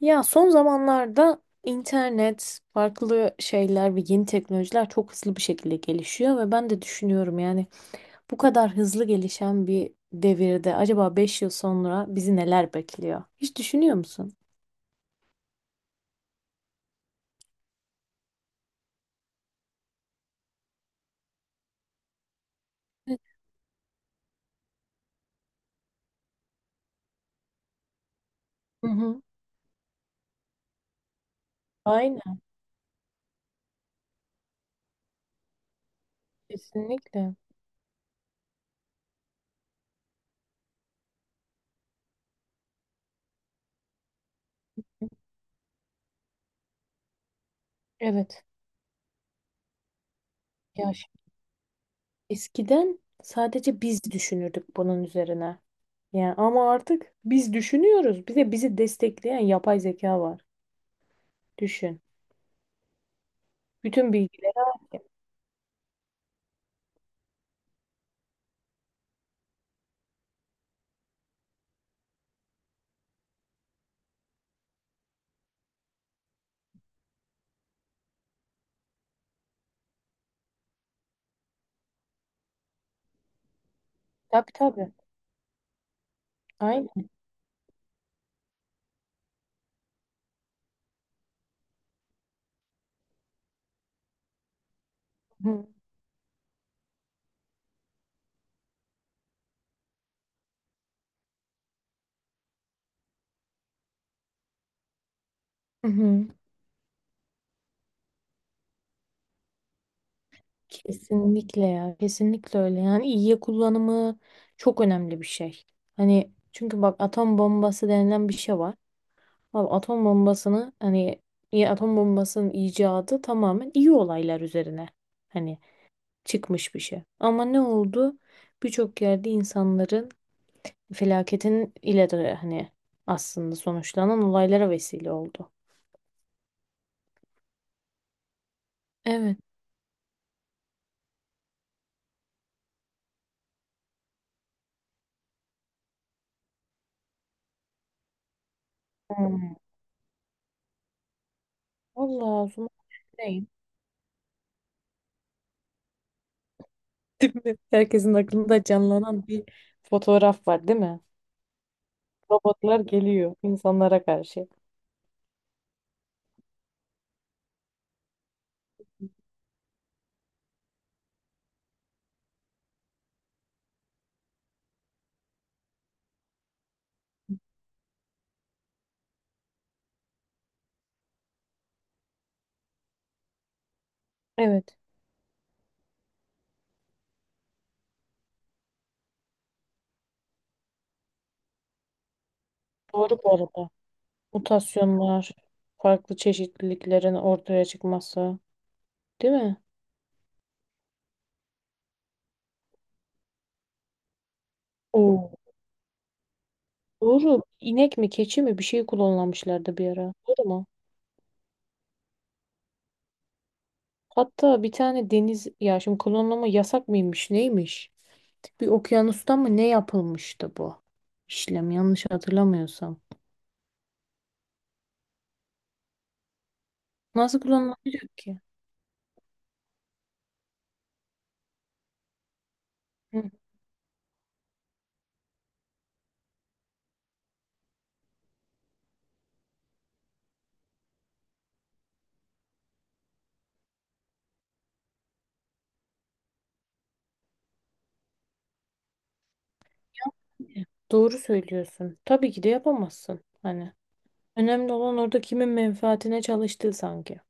Ya son zamanlarda internet, farklı şeyler ve yeni teknolojiler çok hızlı bir şekilde gelişiyor ve ben de düşünüyorum yani bu kadar hızlı gelişen bir devirde acaba 5 yıl sonra bizi neler bekliyor? Hiç düşünüyor musun? Evet. Hı hı. Aynen, kesinlikle. Evet. Ya şimdi eskiden sadece biz düşünürdük bunun üzerine. Yani ama artık biz düşünüyoruz. Bir de bizi destekleyen yapay zeka var. Düşün. Bütün bilgileri. Tabii tabii. Aynen. Hı hı. Hı. Kesinlikle ya. Kesinlikle öyle. Yani iyiye kullanımı çok önemli bir şey. Hani çünkü bak atom bombası denilen bir şey var. Abi atom bombasını hani iyi atom bombasının icadı tamamen iyi olaylar üzerine hani çıkmış bir şey. Ama ne oldu? Birçok yerde insanların felaketin ile hani aslında sonuçlanan olaylara vesile oldu. Evet. Hmm. Allah olsun. Değil mi? Herkesin aklında canlanan bir fotoğraf var, değil mi? Robotlar geliyor insanlara karşı. Evet, doğru bu arada. Mutasyonlar, farklı çeşitliliklerin ortaya çıkması, değil mi? Oo. Doğru. İnek mi, keçi mi bir şey klonlamışlardı bir ara. Doğru mu? Hatta bir tane deniz ya şimdi klonlama yasak mıymış, neymiş? Bir okyanustan mı ne yapılmıştı bu işlem yanlış hatırlamıyorsam. Nasıl klonlanacak ki? Doğru söylüyorsun. Tabii ki de yapamazsın. Hani önemli olan orada kimin menfaatine çalıştığı sanki.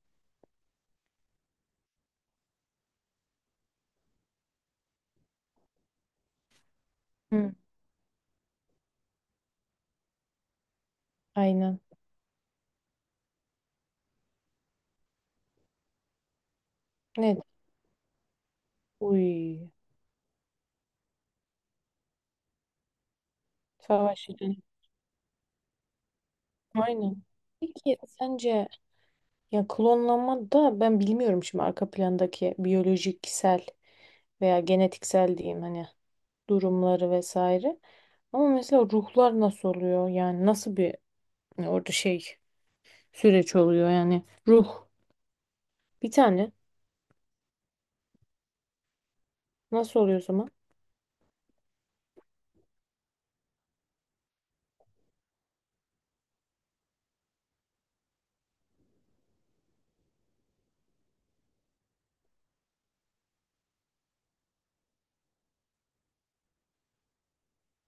Hı, aynen. Ne? Uy. Savaş yüzünden. Aynen. Peki sence ya klonlanma da ben bilmiyorum şimdi arka plandaki biyolojiksel veya genetiksel diyeyim hani durumları vesaire. Ama mesela ruhlar nasıl oluyor? Yani nasıl bir hani orada şey süreç oluyor yani ruh bir tane nasıl oluyor o zaman?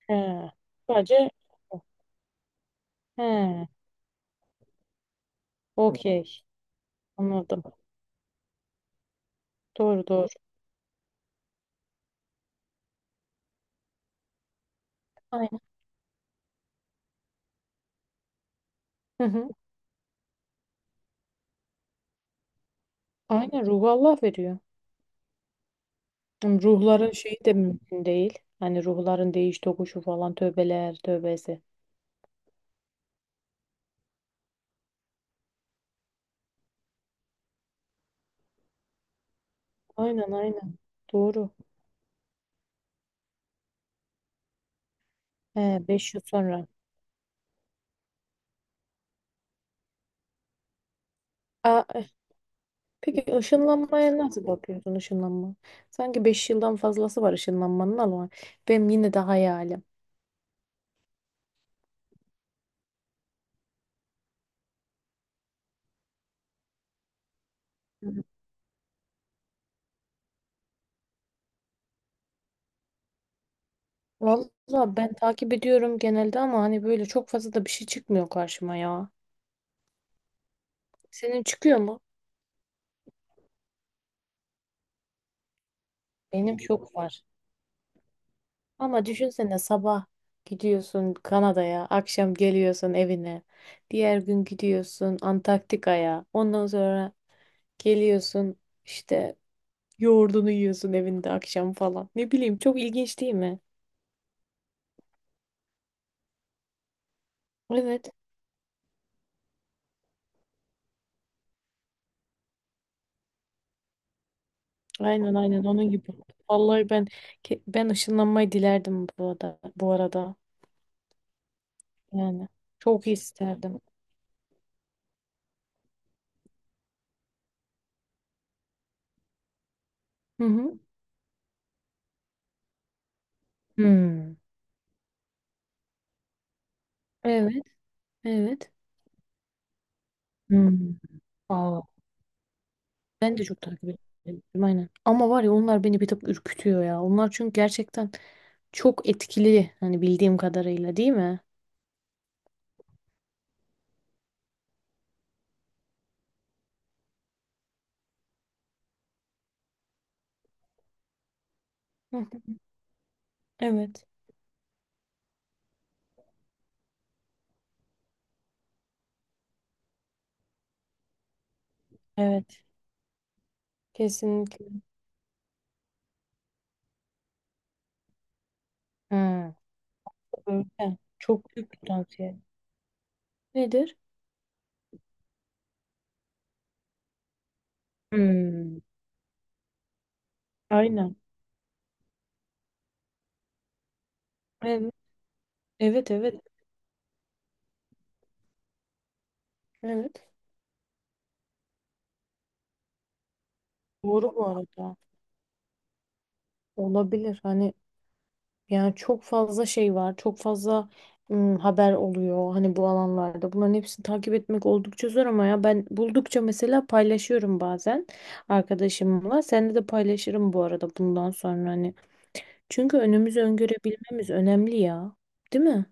He. Sadece he. Okey. Anladım. Doğru doğru. Aynen. Hı hı. Aynen ruhu Allah veriyor. Hem ruhların şeyi de mümkün değil. Hani ruhların değiş tokuşu falan tövbeler tövbesi. Aynen aynen. Doğru. He, 5 yıl sonra. Aa, eh, peki ışınlanmaya nasıl bakıyorsun ışınlanma? Sanki 5 yıldan fazlası var ışınlanmanın ama benim yine de hayalim. Valla ben takip ediyorum genelde ama hani böyle çok fazla da bir şey çıkmıyor karşıma ya. Senin çıkıyor mu? Benim çok var. Ama düşünsene sabah gidiyorsun Kanada'ya, akşam geliyorsun evine. Diğer gün gidiyorsun Antarktika'ya. Ondan sonra geliyorsun işte yoğurdunu yiyorsun evinde akşam falan. Ne bileyim çok ilginç değil mi? Evet. Aynen aynen onun gibi. Vallahi ben ben ışınlanmayı dilerdim bu arada. Bu arada yani çok isterdim. Hı hı. Hmm. Evet, evet. Hmm. Aa. Ben de çok takip ediyorum aynen. Ama var ya onlar beni bir tık ürkütüyor ya. Onlar çünkü gerçekten çok etkili hani bildiğim kadarıyla değil mi? Hı hı. Evet. Evet. Kesinlikle. Hı. Öyle. Çok büyük potansiyel. Nedir? Hmm. Aynen. Evet. Evet evet. Evet. Doğru bu arada. Olabilir. Hani yani çok fazla şey var, çok fazla haber oluyor hani bu alanlarda. Bunların hepsini takip etmek oldukça zor ama ya ben buldukça mesela paylaşıyorum bazen arkadaşımla. Seninle de paylaşırım bu arada bundan sonra hani. Çünkü önümüzü öngörebilmemiz önemli ya. Değil mi?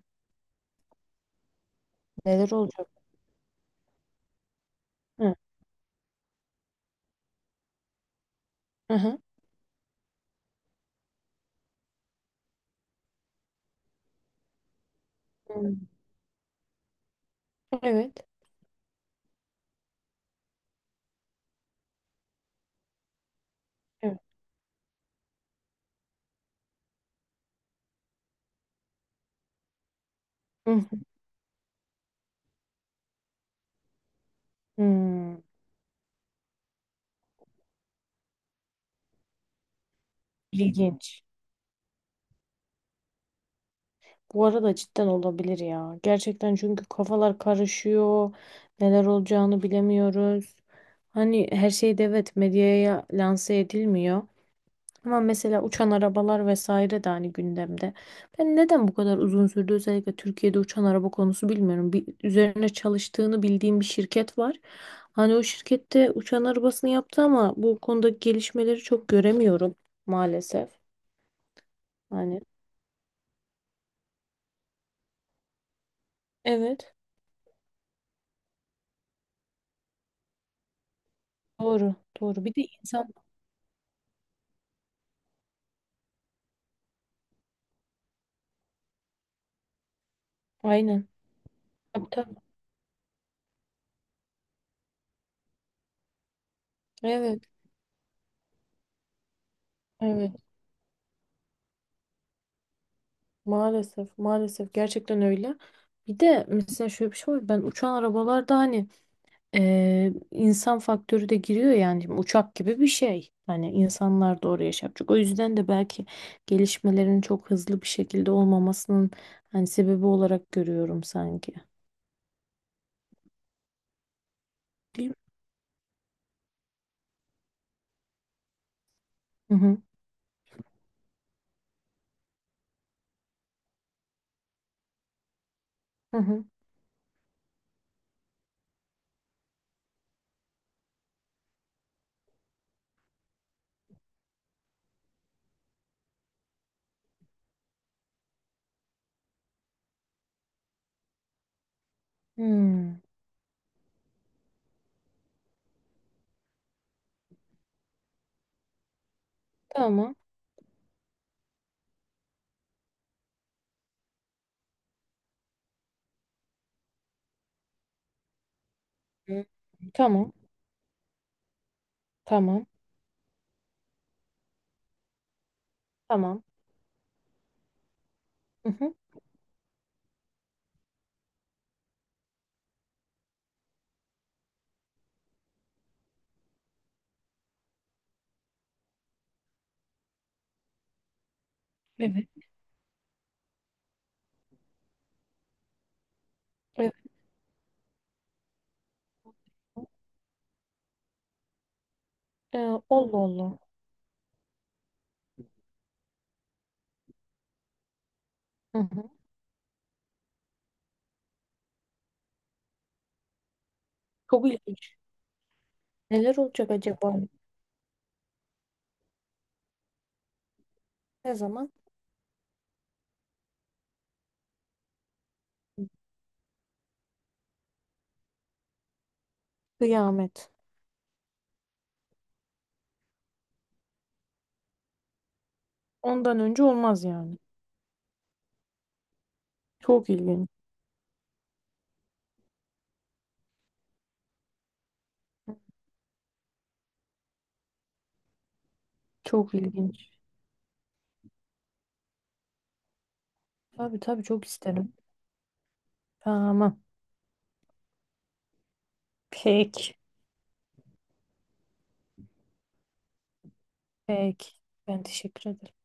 Neler olacak? Hı. Hı hı. Hmm. Evet. Evet. Hı hı. Hmm. İlginç. Bu arada cidden olabilir ya. Gerçekten çünkü kafalar karışıyor. Neler olacağını bilemiyoruz. Hani her şey de evet medyaya lanse edilmiyor. Ama mesela uçan arabalar vesaire de hani gündemde. Ben neden bu kadar uzun sürdü özellikle Türkiye'de uçan araba konusu bilmiyorum. Bir, üzerine çalıştığını bildiğim bir şirket var. Hani o şirkette uçan arabasını yaptı ama bu konudaki gelişmeleri çok göremiyorum maalesef. Hani evet doğru doğru bir de insan. Aynen. Tabii, tabii. Evet, evet. Maalesef, maalesef gerçekten öyle. Bir de mesela şöyle bir şey var. Ben uçan arabalarda hani insan faktörü de giriyor yani. Şimdi uçak gibi bir şey. Hani insanlar da oraya şey yapacak. O yüzden de belki gelişmelerin çok hızlı bir şekilde olmamasının hani sebebi olarak görüyorum sanki. Değil mi? Hı hı. Hı hı. Hmm. Tamam. Hı. Tamam. Tamam. Tamam. Hı hı. Evet. Evet. Ee, Allah Allah. Hı hı. Çok ilginç. Neler olacak acaba? Ne zaman? Kıyamet. Ondan önce olmaz yani. Çok ilginç. Çok ilginç. Tabii tabii çok isterim. Tamam. Peki. Peki. Ben teşekkür ederim.